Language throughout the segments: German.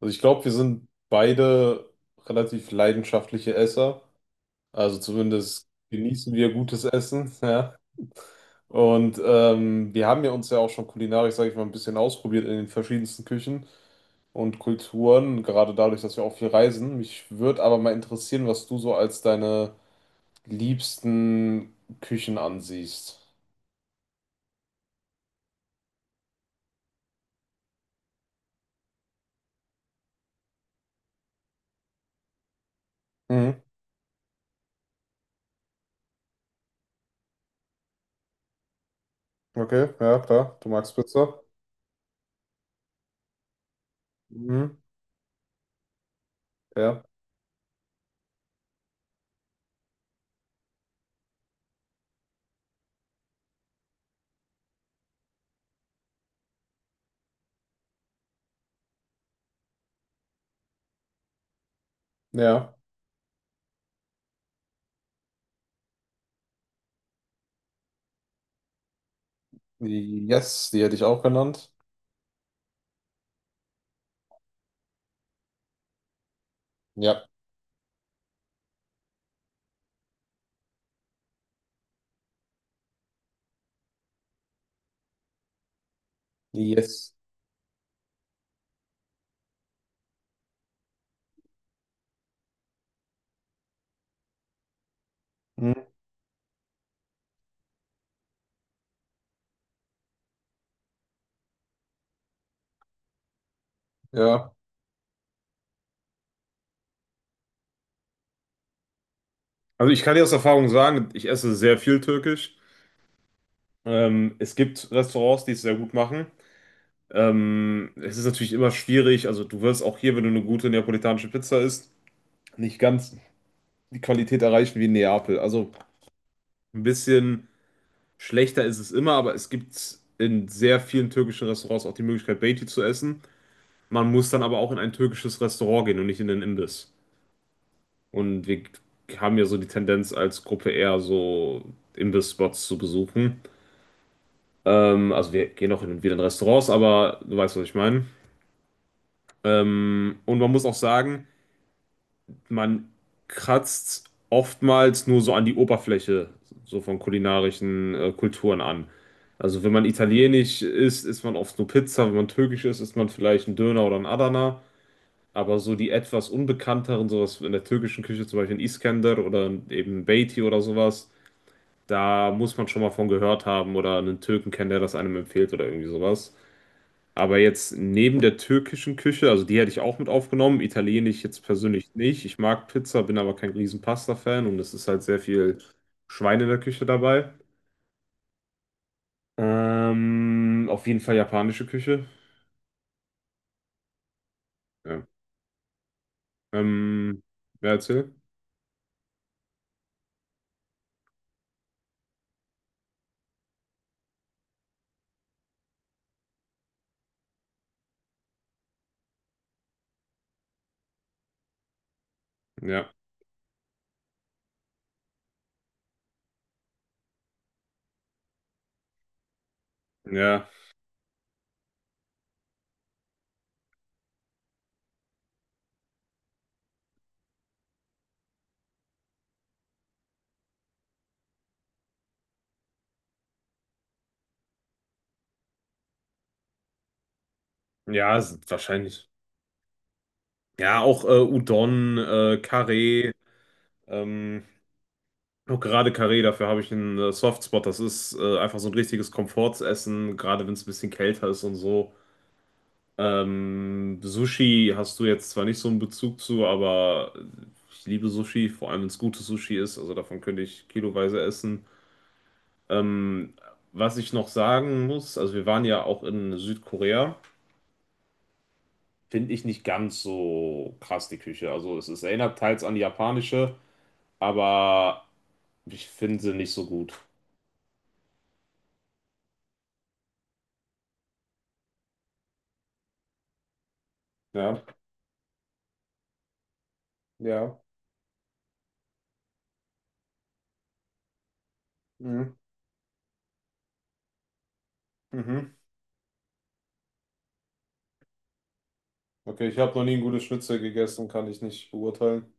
Also ich glaube, wir sind beide relativ leidenschaftliche Esser. Also zumindest genießen wir gutes Essen, ja. Und wir haben ja uns ja auch schon kulinarisch, sage ich mal, ein bisschen ausprobiert in den verschiedensten Küchen und Kulturen, gerade dadurch, dass wir auch viel reisen. Mich würde aber mal interessieren, was du so als deine liebsten Küchen ansiehst. Mhm. Okay, ja, klar. Du magst Pizza. Mhm. Ja, ja. Yes, die hätte ich auch genannt. Ja. Yes. Mhm. Ja, also ich kann dir aus Erfahrung sagen, ich esse sehr viel Türkisch. Es gibt Restaurants, die es sehr gut machen. Es ist natürlich immer schwierig, also du wirst auch hier, wenn du eine gute neapolitanische Pizza isst, nicht ganz die Qualität erreichen wie in Neapel. Also ein bisschen schlechter ist es immer, aber es gibt in sehr vielen türkischen Restaurants auch die Möglichkeit, Beiti zu essen. Man muss dann aber auch in ein türkisches Restaurant gehen und nicht in den Imbiss. Und wir haben ja so die Tendenz als Gruppe eher so Imbiss-Spots zu besuchen. Also wir gehen auch hin und wieder in Restaurants, aber du weißt, was ich meine. Und man muss auch sagen, man kratzt oftmals nur so an die Oberfläche so von kulinarischen Kulturen an. Also wenn man italienisch isst, isst man oft nur Pizza, wenn man türkisch isst, isst man vielleicht einen Döner oder einen Adana. Aber so die etwas unbekannteren, sowas in der türkischen Küche, zum Beispiel ein Iskender oder eben Beiti oder sowas, da muss man schon mal von gehört haben oder einen Türken kennen, der das einem empfiehlt oder irgendwie sowas. Aber jetzt neben der türkischen Küche, also die hätte ich auch mit aufgenommen, italienisch jetzt persönlich nicht. Ich mag Pizza, bin aber kein riesen Pasta-Fan und es ist halt sehr viel Schwein in der Küche dabei. Auf jeden Fall japanische Küche. Ja. Ähm, wer erzählt? Ja, ja, wahrscheinlich. Ja, auch Udon, Carré, ähm, auch gerade Carré, dafür habe ich einen Softspot. Das ist einfach so ein richtiges Komfortsessen, gerade wenn es ein bisschen kälter ist und so. Sushi hast du jetzt zwar nicht so einen Bezug zu, aber ich liebe Sushi, vor allem wenn es gutes Sushi ist. Also davon könnte ich kiloweise essen. Ähm, was ich noch sagen muss, also wir waren ja auch in Südkorea, finde ich nicht ganz so krass die Küche. Also es erinnert teils an die japanische, aber ich finde sie nicht so gut. Ja, ja. Mhm. Mhm. Okay, ich habe noch nie ein gutes Schnitzel gegessen, kann ich nicht beurteilen.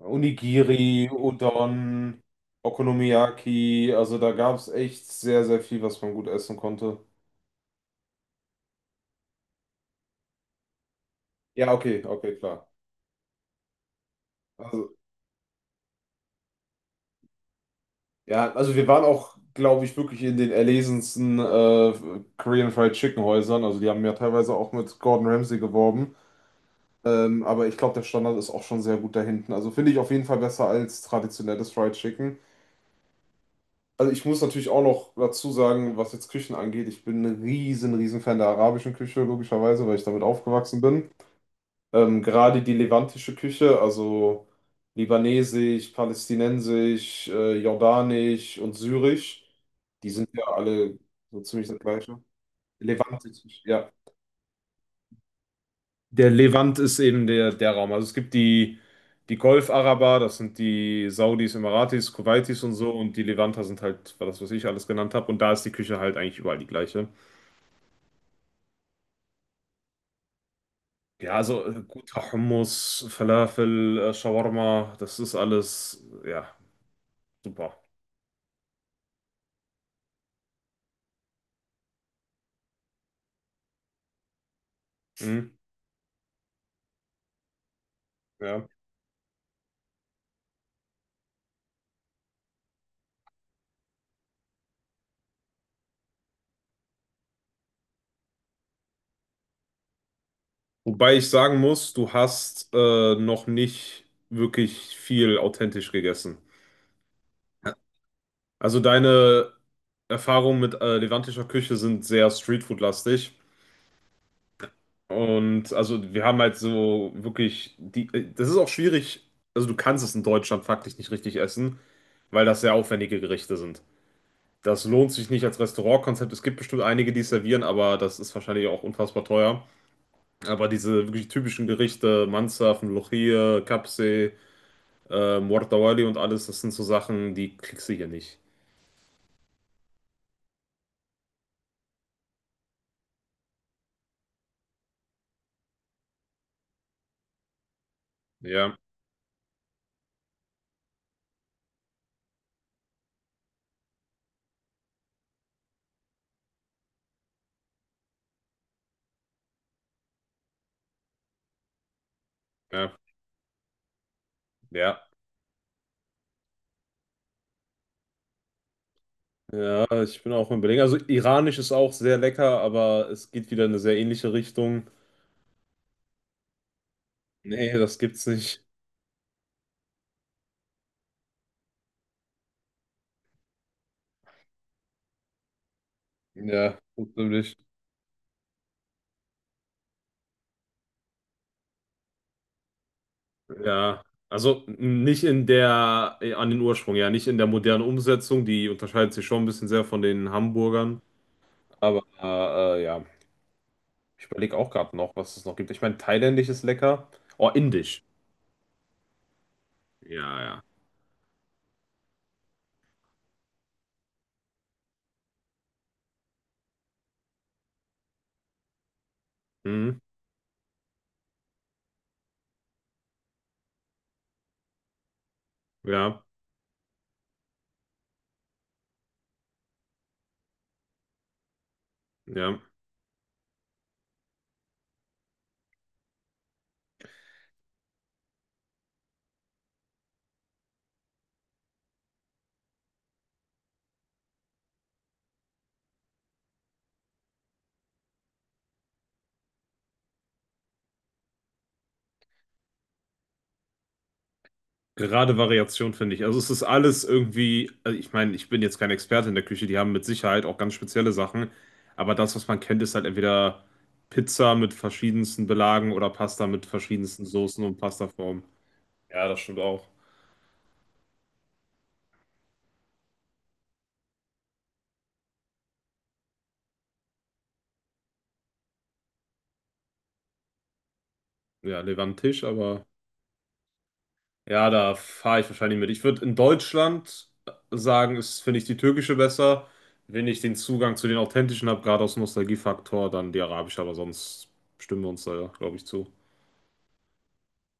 Onigiri, Udon, Okonomiyaki, also da gab es echt sehr, sehr viel, was man gut essen konnte. Ja, okay, okay, klar. Also, ja, also wir waren auch, glaube ich, wirklich in den erlesensten Korean Fried Chicken Häusern. Also die haben ja teilweise auch mit Gordon Ramsay geworben. Aber ich glaube, der Standard ist auch schon sehr gut da hinten. Also finde ich auf jeden Fall besser als traditionelles Fried Chicken. Also ich muss natürlich auch noch dazu sagen, was jetzt Küchen angeht, ich bin ein riesen, riesen Fan der arabischen Küche, logischerweise, weil ich damit aufgewachsen bin. Gerade die levantische Küche, also libanesisch, palästinensisch, jordanisch und syrisch, die sind ja alle so ziemlich das Gleiche. Levantisch, ja. Der Levant ist eben der Raum. Also es gibt die, die Golf-Araber, das sind die Saudis, Emiratis, Kuwaitis und so. Und die Levanter sind halt war das, was ich alles genannt habe. Und da ist die Küche halt eigentlich überall die gleiche. Ja, also guter Hummus, Falafel, Shawarma, das ist alles, ja, super. Mhm, ja. Wobei ich sagen muss, du hast noch nicht wirklich viel authentisch gegessen. Also deine Erfahrungen mit levantischer Küche sind sehr Streetfood-lastig. Und also wir haben halt so wirklich das ist auch schwierig, also du kannst es in Deutschland faktisch nicht richtig essen, weil das sehr aufwendige Gerichte sind. Das lohnt sich nicht als Restaurantkonzept. Es gibt bestimmt einige, die es servieren, aber das ist wahrscheinlich auch unfassbar teuer. Aber diese wirklich typischen Gerichte, Mansaf, Mlochie, Kapsee, Mortawali und alles, das sind so Sachen, die kriegst du hier nicht. Ja, ja, ja. Ja, ich bin auch im Überlegen. Also iranisch ist auch sehr lecker, aber es geht wieder in eine sehr ähnliche Richtung. Nee, das gibt's nicht. Ja, natürlich. Ja, also nicht an den Ursprung, ja, nicht in der modernen Umsetzung. Die unterscheidet sich schon ein bisschen sehr von den Hamburgern. Aber ja, ich überlege auch gerade noch, was es noch gibt. Ich meine, thailändisch ist lecker. Oh, indisch. Ja, ja. Mhm. Ja, ja. Gerade Variation finde ich. Also es ist alles irgendwie, also ich meine, ich bin jetzt kein Experte in der Küche, die haben mit Sicherheit auch ganz spezielle Sachen, aber das, was man kennt, ist halt entweder Pizza mit verschiedensten Belagen oder Pasta mit verschiedensten Soßen und Pastaformen. Ja, das stimmt auch. Ja, Levantisch, aber ja, da fahre ich wahrscheinlich mit. Ich würde in Deutschland sagen, ist, finde ich die türkische besser, wenn ich den Zugang zu den authentischen habe, gerade aus Nostalgiefaktor, dann die arabische, aber sonst stimmen wir uns da, glaube ich, zu.